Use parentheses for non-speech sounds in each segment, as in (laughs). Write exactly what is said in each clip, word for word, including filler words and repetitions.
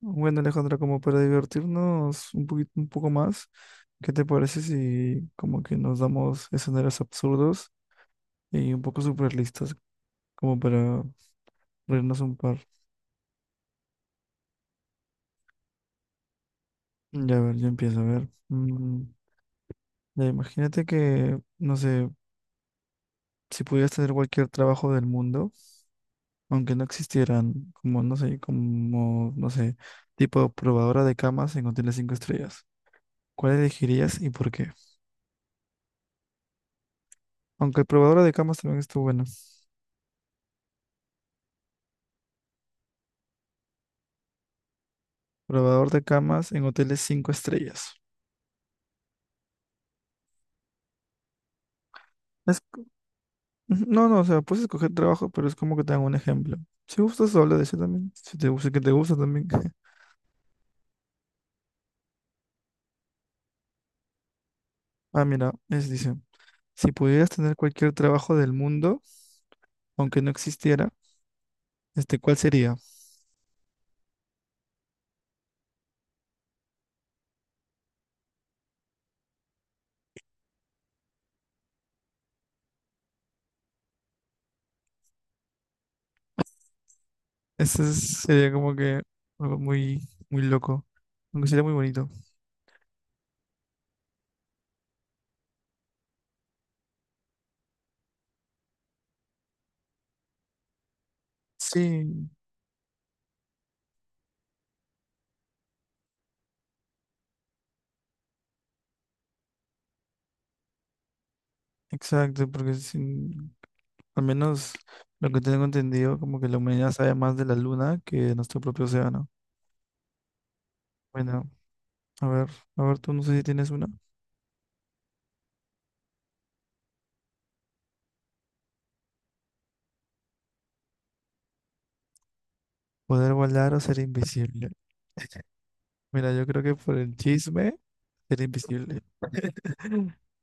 Bueno, Alejandra, como para divertirnos un poquito, un poco más, ¿qué te parece si como que nos damos escenarios absurdos y un poco surrealistas, como para reírnos un par? Ya, a ver, yo empiezo, a ver. Mm, ya, imagínate que, no sé, si pudieras tener cualquier trabajo del mundo, aunque no existieran, como, no sé, como, no sé, tipo probadora de camas en hoteles cinco estrellas, ¿cuál elegirías y por qué? Aunque probadora de camas también estuvo bueno. Probador de camas en hoteles cinco estrellas. Es- (laughs) no, no, o sea, puedes escoger trabajo, pero es como que te dan un ejemplo. Si gustas, habla de eso también. Si te gusta, que te gusta también. (laughs) Ah, mira, es, dice, si pudieras tener cualquier trabajo del mundo, aunque no existiera, este, ¿cuál sería? Ese es- sería como que algo muy, muy loco, aunque sería muy bonito. Sí, exacto, porque sin- al menos lo que tengo entendido, como que la humanidad sabe más de la luna que de nuestro propio océano. Bueno. A ver, a ver, tú no sé si tienes una. Poder volar o ser invisible. Mira, yo creo que por el chisme, ser invisible. (laughs)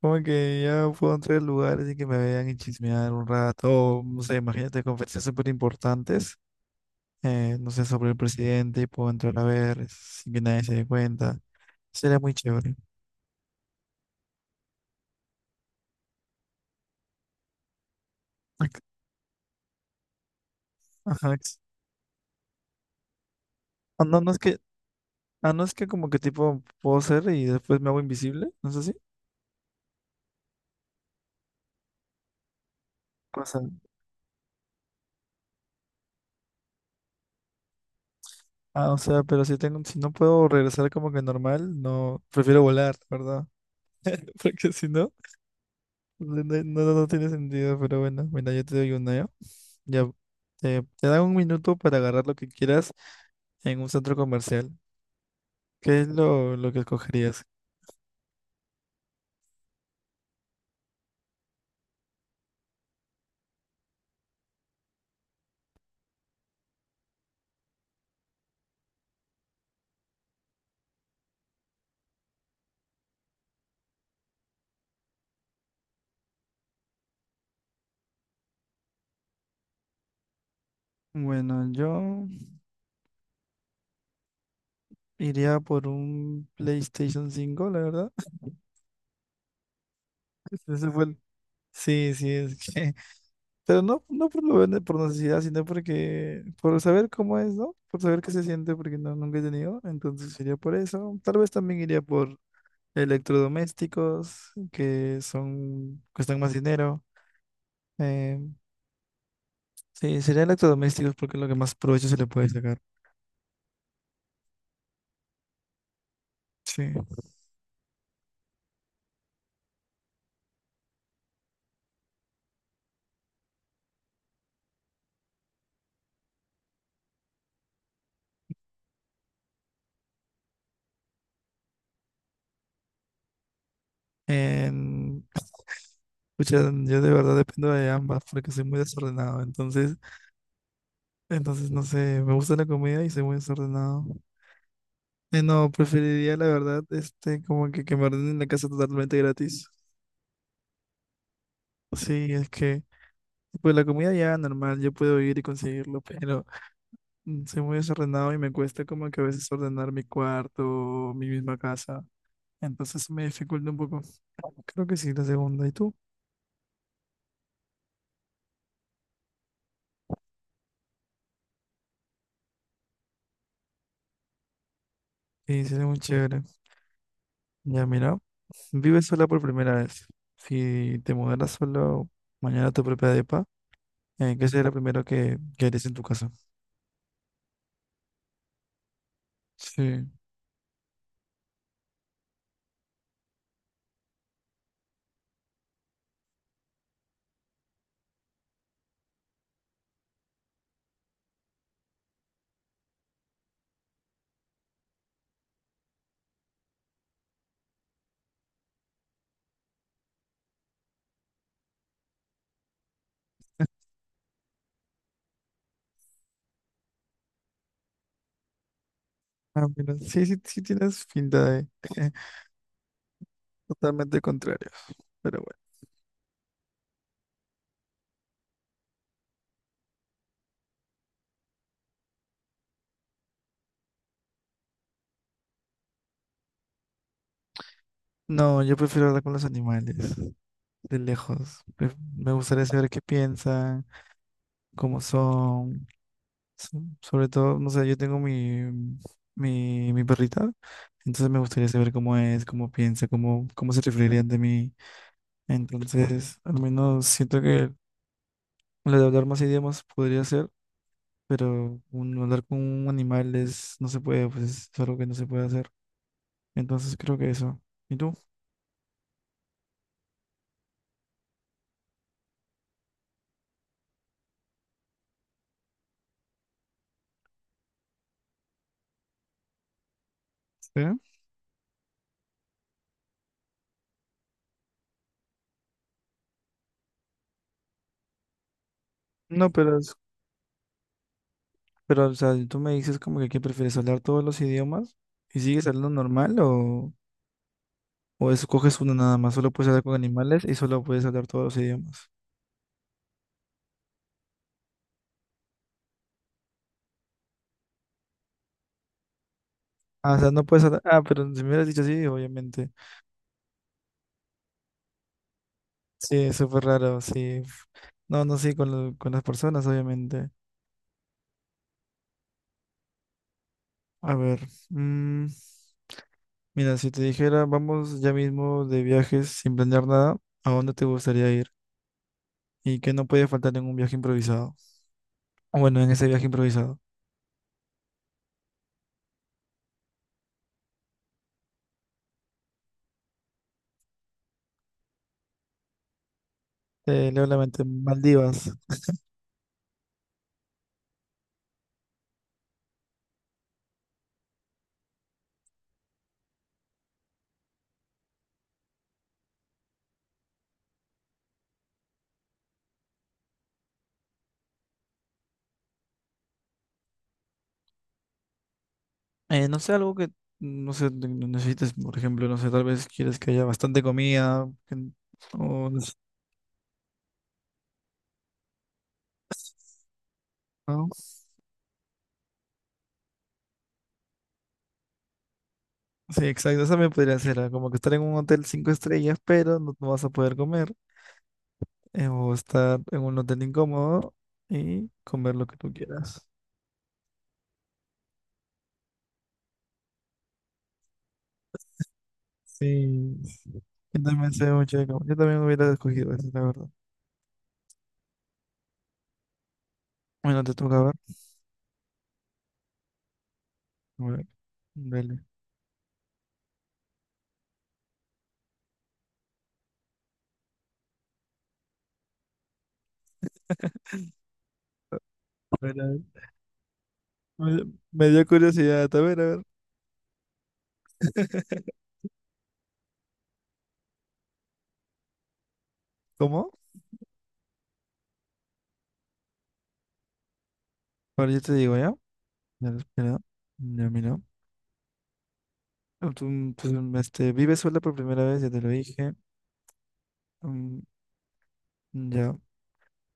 Como que ya puedo entrar en lugares y que me vean y chismear un rato. O, no sé, imagínate conferencias súper importantes. Eh, no sé, sobre el presidente y puedo entrar a ver sin que nadie se dé cuenta. Sería muy chévere. Ac- Ajá. ex- Ah, no, no es que, ah, no es que como que tipo puedo ser y después me hago invisible. No sé si. Pasa. Ah, o sea, pero si tengo, si no puedo regresar como que normal, no, prefiero volar, ¿verdad? (laughs) Porque si no, no, no, no- no tiene sentido, pero bueno, mira, yo te doy una, ¿ya? Ya, te, te dan un minuto para agarrar lo que quieras en un centro comercial. ¿Qué es lo, lo que escogerías? Bueno, yo iría por un PlayStation cinco la verdad. (laughs) Ese fue el- Sí, sí, es que pero no, no por, lo vende- por necesidad, sino porque, por saber cómo es, ¿no? Por saber qué se siente, porque no, nunca he tenido. Entonces iría por eso. Tal vez también iría por electrodomésticos, que son, cuestan más dinero. Eh, sí, sería electrodomésticos porque es lo que más provecho se le puede sacar. Sí. En, (laughs) Pucha, yo de verdad dependo de ambas porque soy muy desordenado. Entonces, entonces no sé, me gusta la comida y soy muy desordenado. Eh, No, preferiría la verdad, este, como que, que, me ordenen la casa totalmente gratis. Sí, es que, pues la comida ya normal, yo puedo ir y conseguirlo, pero mm, soy muy desordenado y me cuesta como que a veces ordenar mi cuarto, mi misma casa. Entonces me dificulta un poco. Creo que sí, la segunda. ¿Y tú? Sí, sería muy chévere. Ya, mira, vives sola por primera vez. Si te mudaras solo mañana a tu propia depa, eh, ¿qué sería lo primero que, que harías en tu casa? Sí. Ah, mira, sí, sí, sí tienes pinta de (laughs) totalmente contrario, pero bueno. No, yo prefiero hablar con los animales, de lejos. Pref- Me gustaría saber qué piensan, cómo son. so- Sobre todo, no sé, yo tengo mi, mi, mi perrita, entonces me gustaría saber cómo es, cómo piensa, cómo, cómo se referiría ante mí. Entonces, al menos siento que lo de hablar más idiomas podría ser, pero un, hablar con un animal es, no se puede, pues es algo que no se puede hacer. Entonces creo que eso. ¿Y tú? Sí. No, pero, es- pero, o sea, tú me dices como que, ¿qué prefieres? ¿Hablar todos los idiomas? ¿Y sigues hablando normal o, o escoges uno nada más? Solo puedes hablar con animales y solo puedes hablar todos los idiomas. Ah, o sea, no puedes hablar. Ah, pero si me hubieras dicho así, obviamente. Sí, es súper raro, sí. No, no, sí, con, lo- con las personas, obviamente. A ver, mm, mira, si te dijera, vamos ya mismo de viajes sin planear nada, ¿a dónde te gustaría ir? ¿Y qué no puede faltar en un viaje improvisado? Bueno, en ese viaje improvisado. Eh, leo la mente, Maldivas. Eh, no sé, algo que, no sé, ne- ne- necesites, por ejemplo, no sé, tal vez quieres que haya bastante comida, que n- o no sé, (laughs) ¿no? Sí, exacto, esa me podría ser, ah, como que estar en un hotel cinco estrellas, pero no, no vas a poder comer, eh, o estar en un hotel incómodo y comer lo que tú quieras. Sí, yo también sé mucho de comer, yo también hubiera escogido eso, la verdad. Bueno, te toca ver. A ver, dale. Me, me dio curiosidad. A ver, a ver. (laughs) ¿Cómo? Ahora yo te digo, ¿ya? Ya, espera. Ya, mira. Tú, tú, este, vives sola por primera vez, ya te lo dije. Mm, ya.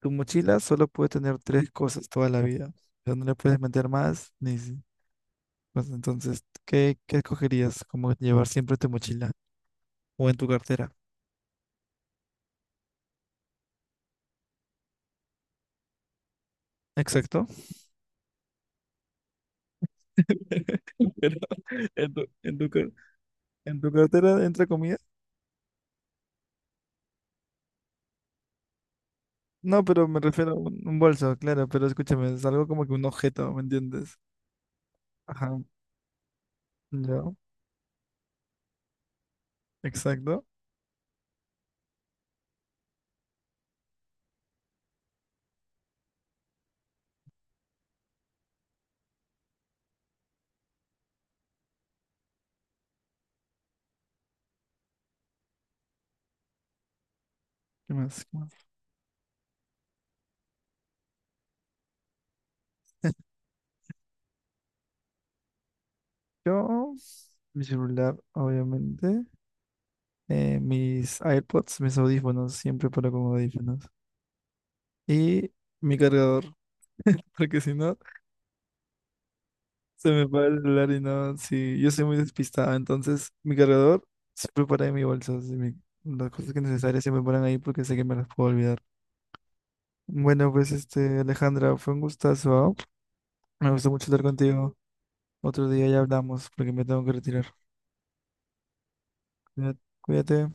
Tu mochila solo puede tener tres cosas toda la vida. O sea, no le puedes meter más, ni, si- pues entonces, ¿qué, qué escogerías? Como llevar siempre tu mochila? ¿O en tu cartera? Exacto. (laughs) Pero en tu, en tu, car- En tu cartera entra comida. No, pero me refiero a un, un bolso, claro, pero escúchame, es algo como que un objeto, ¿me entiendes? Ajá, yo, exacto. ¿Qué más? ¿Qué más? Yo, mi celular, obviamente, eh, mis AirPods, mis audífonos, siempre paro con audífonos. Y mi cargador, (laughs) porque si no, se me va el celular y no, sí, yo soy muy despistado, entonces mi cargador siempre para en mi bolso, así, mi- las cosas que necesarias siempre paran ahí porque sé que me las puedo olvidar. Bueno, pues este, Alejandra, fue un gustazo, ¿ah? Me gustó mucho estar contigo. Otro día ya hablamos porque me tengo que retirar. Cuídate. Cuídate.